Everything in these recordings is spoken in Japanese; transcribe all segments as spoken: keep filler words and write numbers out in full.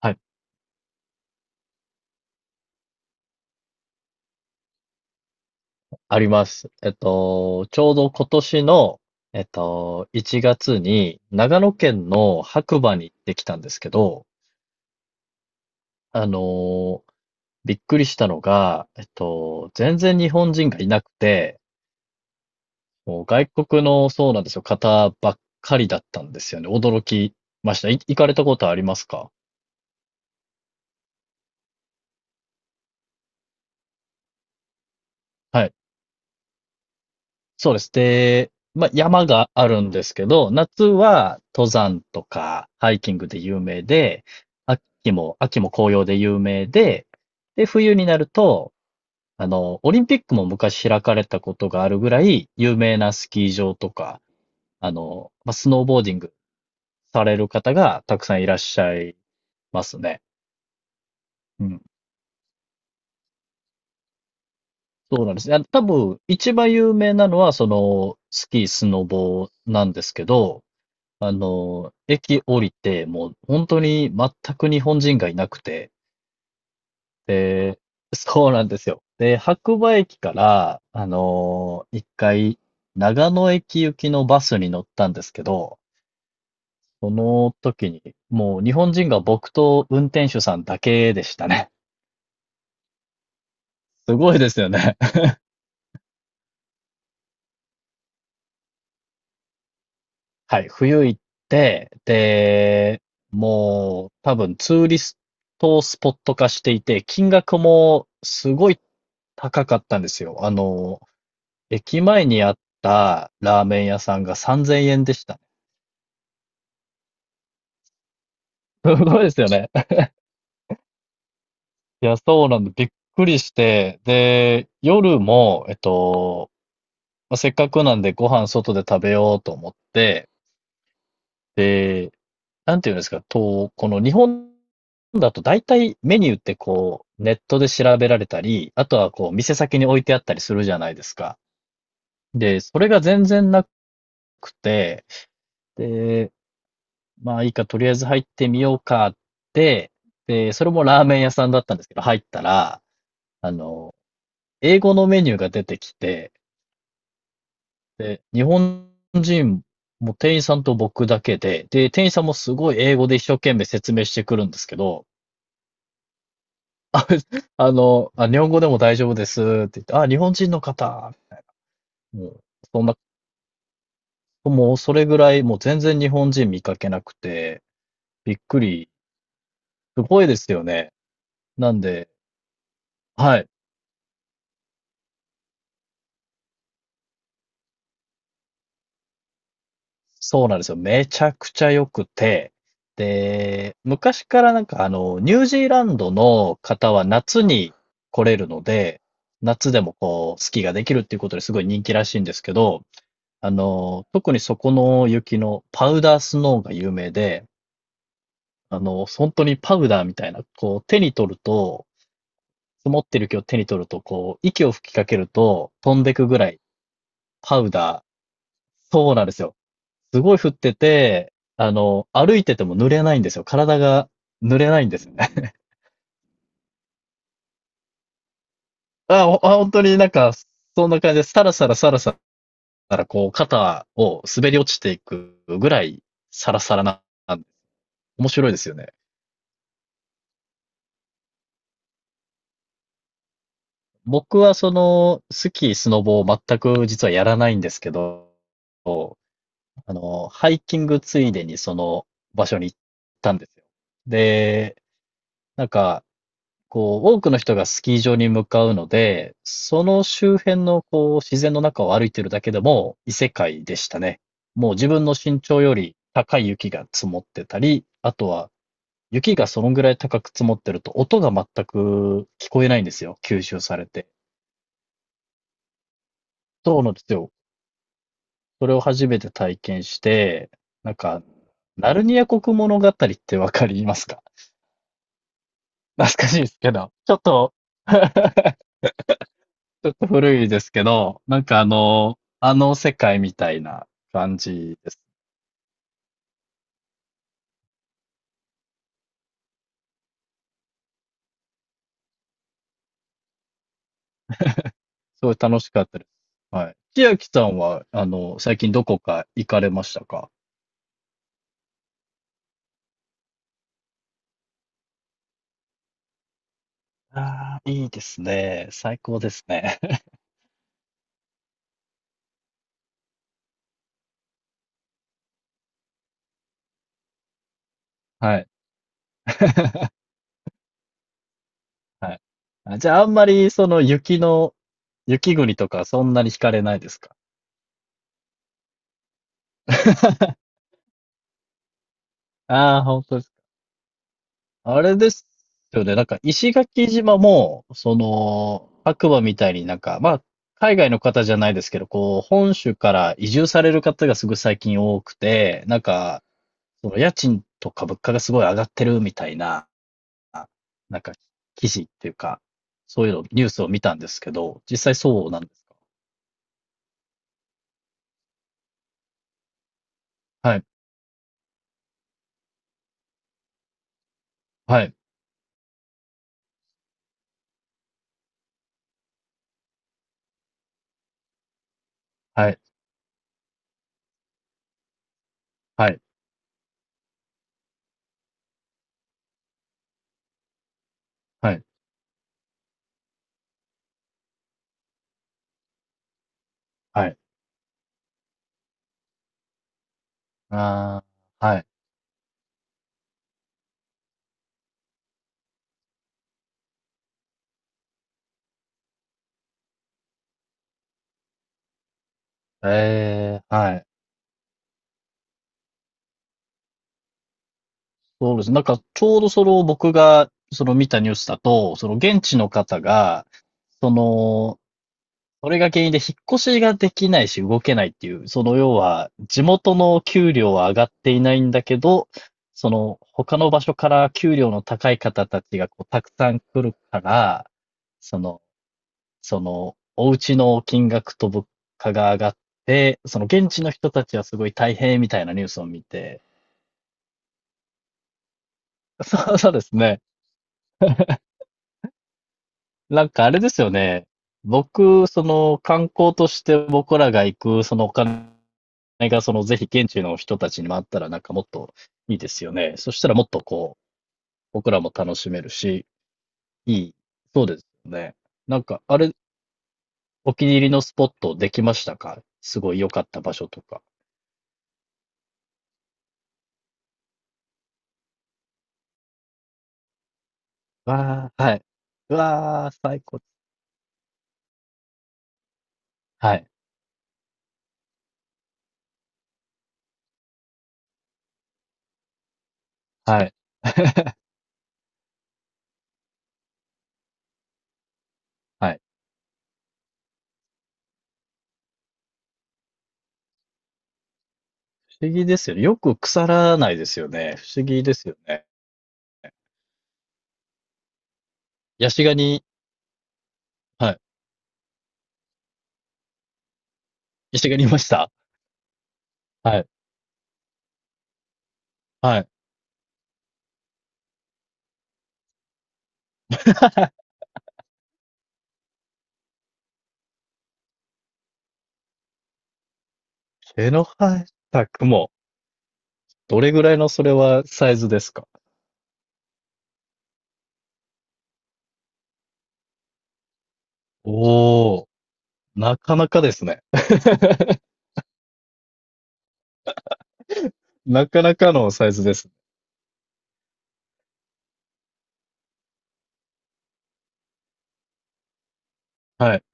はい、あります。えっと、ちょうど今年の、えっと、いちがつに長野県の白馬に行ってきたんですけど、あのーびっくりしたのが、えっと、全然日本人がいなくて、もう外国の、そうなんですよ、方ばっかりだったんですよね。驚きました。い行かれたことありますか？はい。そうです。で、まあ、山があるんですけど、夏は登山とかハイキングで有名で、秋も、秋も紅葉で有名で、で、冬になると、あの、オリンピックも昔開かれたことがあるぐらい有名なスキー場とか、あの、まあ、スノーボーディングされる方がたくさんいらっしゃいますね。うん。そうなんですね。あの多分、一番有名なのは、その、スキー、スノボなんですけど、あの、駅降りて、もう本当に全く日本人がいなくて、で、そうなんですよ。で、白馬駅から、あの、一回、長野駅行きのバスに乗ったんですけど、その時に、もう日本人が僕と運転手さんだけでしたね。すごいですよね。はい、冬行って、で、もう多分ツーリストスポット化していて、金額もすごい高かったんですよ。あの、駅前にあったラーメン屋さんがさんぜんえんでしたね。すごいですよね。いや、そうなんで、びっくりして、で、夜も、えっと、まあ、せっかくなんでご飯外で食べようと思って、で、なんていうんですか、と、この日本だと大体メニューってこう、ネットで調べられたり、あとはこう、店先に置いてあったりするじゃないですか。で、それが全然なくて、で、まあいいか、とりあえず入ってみようかって、で、それもラーメン屋さんだったんですけど、入ったら、あの、英語のメニューが出てきて、で、日本人も店員さんと僕だけで、で、店員さんもすごい英語で一生懸命説明してくるんですけど、あ、あの、あ、日本語でも大丈夫ですって言って、あ、日本人の方、もう、そんな、もうそれぐらい、もう全然日本人見かけなくて、びっくり、すごいですよね。なんで、はい。そうなんですよ。めちゃくちゃ良くて、で、昔からなんかあの、ニュージーランドの方は夏に来れるので、夏でもこう、スキーができるっていうことですごい人気らしいんですけど、あの、特にそこの雪のパウダースノーが有名で、あの、本当にパウダーみたいな、こう、手に取ると、積もってる雪を手に取ると、こう、息を吹きかけると飛んでくぐらいパウダー、そうなんですよ。すごい降ってて、あの、歩いてても濡れないんですよ。体が濡れないんですよね。あ、ほあ本当になんか、そんな感じで、さらさらさらさら、こう、肩を滑り落ちていくぐらい、サラサラな、面白いですよね。僕はその、スキー、スノボを全く実はやらないんですけど、あの、ハイキングついでにその場所に行ったんですよ。で、なんか、こう、多くの人がスキー場に向かうので、その周辺のこう、自然の中を歩いてるだけでも異世界でしたね。もう自分の身長より高い雪が積もってたり、あとは雪がそのぐらい高く積もってると音が全く聞こえないんですよ。吸収されて。そうなんですよ。それを初めて体験して、なんか、ナルニア国物語ってわかりますか？ 懐かしいですけど、ちょっと ちょっと古いですけど、なんかあの、あの世界みたいな感じです。すごい楽しかったです。はい。千秋さんは、あの、最近どこか行かれましたか？ああー、いいですね。最高ですね。はい。はい。あじゃあ、あんまり、その、雪の、雪国とか、そんなに惹かれないですか？ ああ本当です。あれですよね。なんか、石垣島も、その、白馬みたいになんか、まあ、海外の方じゃないですけど、こう、本州から移住される方がすごい最近多くて、なんか、その家賃とか物価がすごい上がってるみたいな、なんか、記事っていうか、そういうの、ニュースを見たんですけど、実際そうなんです。はい、はい、はい、はい、はい、はい。あー、はい、えー、はい。そうですね。なんか、ちょうどその僕が、その見たニュースだと、その現地の方が、その、それが原因で引っ越しができないし動けないっていう、その要は、地元の給料は上がっていないんだけど、その、他の場所から給料の高い方たちがこうたくさん来るから、その、その、お家の金額と物価が上がって、その現地の人たちはすごい大変みたいなニュースを見て、そうそうですね。なんかあれですよね。僕、その観光として僕らが行く、そのお金が、そのぜひ現地の人たちにもあったらなんかもっといいですよね。そしたらもっとこう、僕らも楽しめるし、いい。そうですよね。なんか、あれ、お気に入りのスポットできましたか？すごい良かった場所とか。わあ、はい。うわあ、最高。はい、はい。はい。不思議ですよね。よく腐らないですよね。不思議ですよね。ヤシガニ、はい。ヤシガニいました？はい。はい。毛の生えた雲。どれぐらいのそれはサイズですか？おー、なかなかですね。なかなかのサイズです。はい。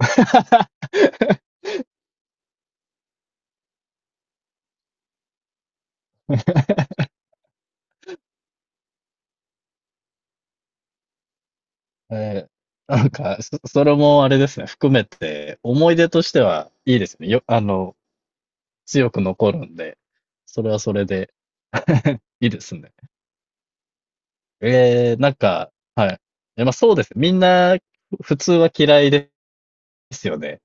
えーなんか、そ、それもあれですね、含めて、思い出としてはいいですね。よ、あの、強く残るんで、それはそれで いいですね。えー、なんか、はい。え、まあそうですね。みんな、普通は嫌いですよね。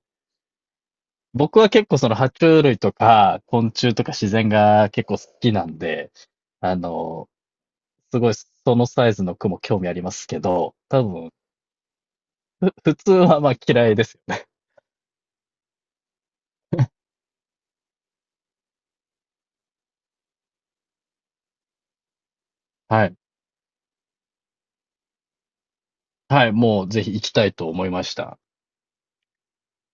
僕は結構その爬虫類とか昆虫とか自然が結構好きなんで、あの、すごいそのサイズの雲興味ありますけど、多分、ふ、普通はまあ嫌いですよね。はい。はい、もうぜひ行きたいと思いました。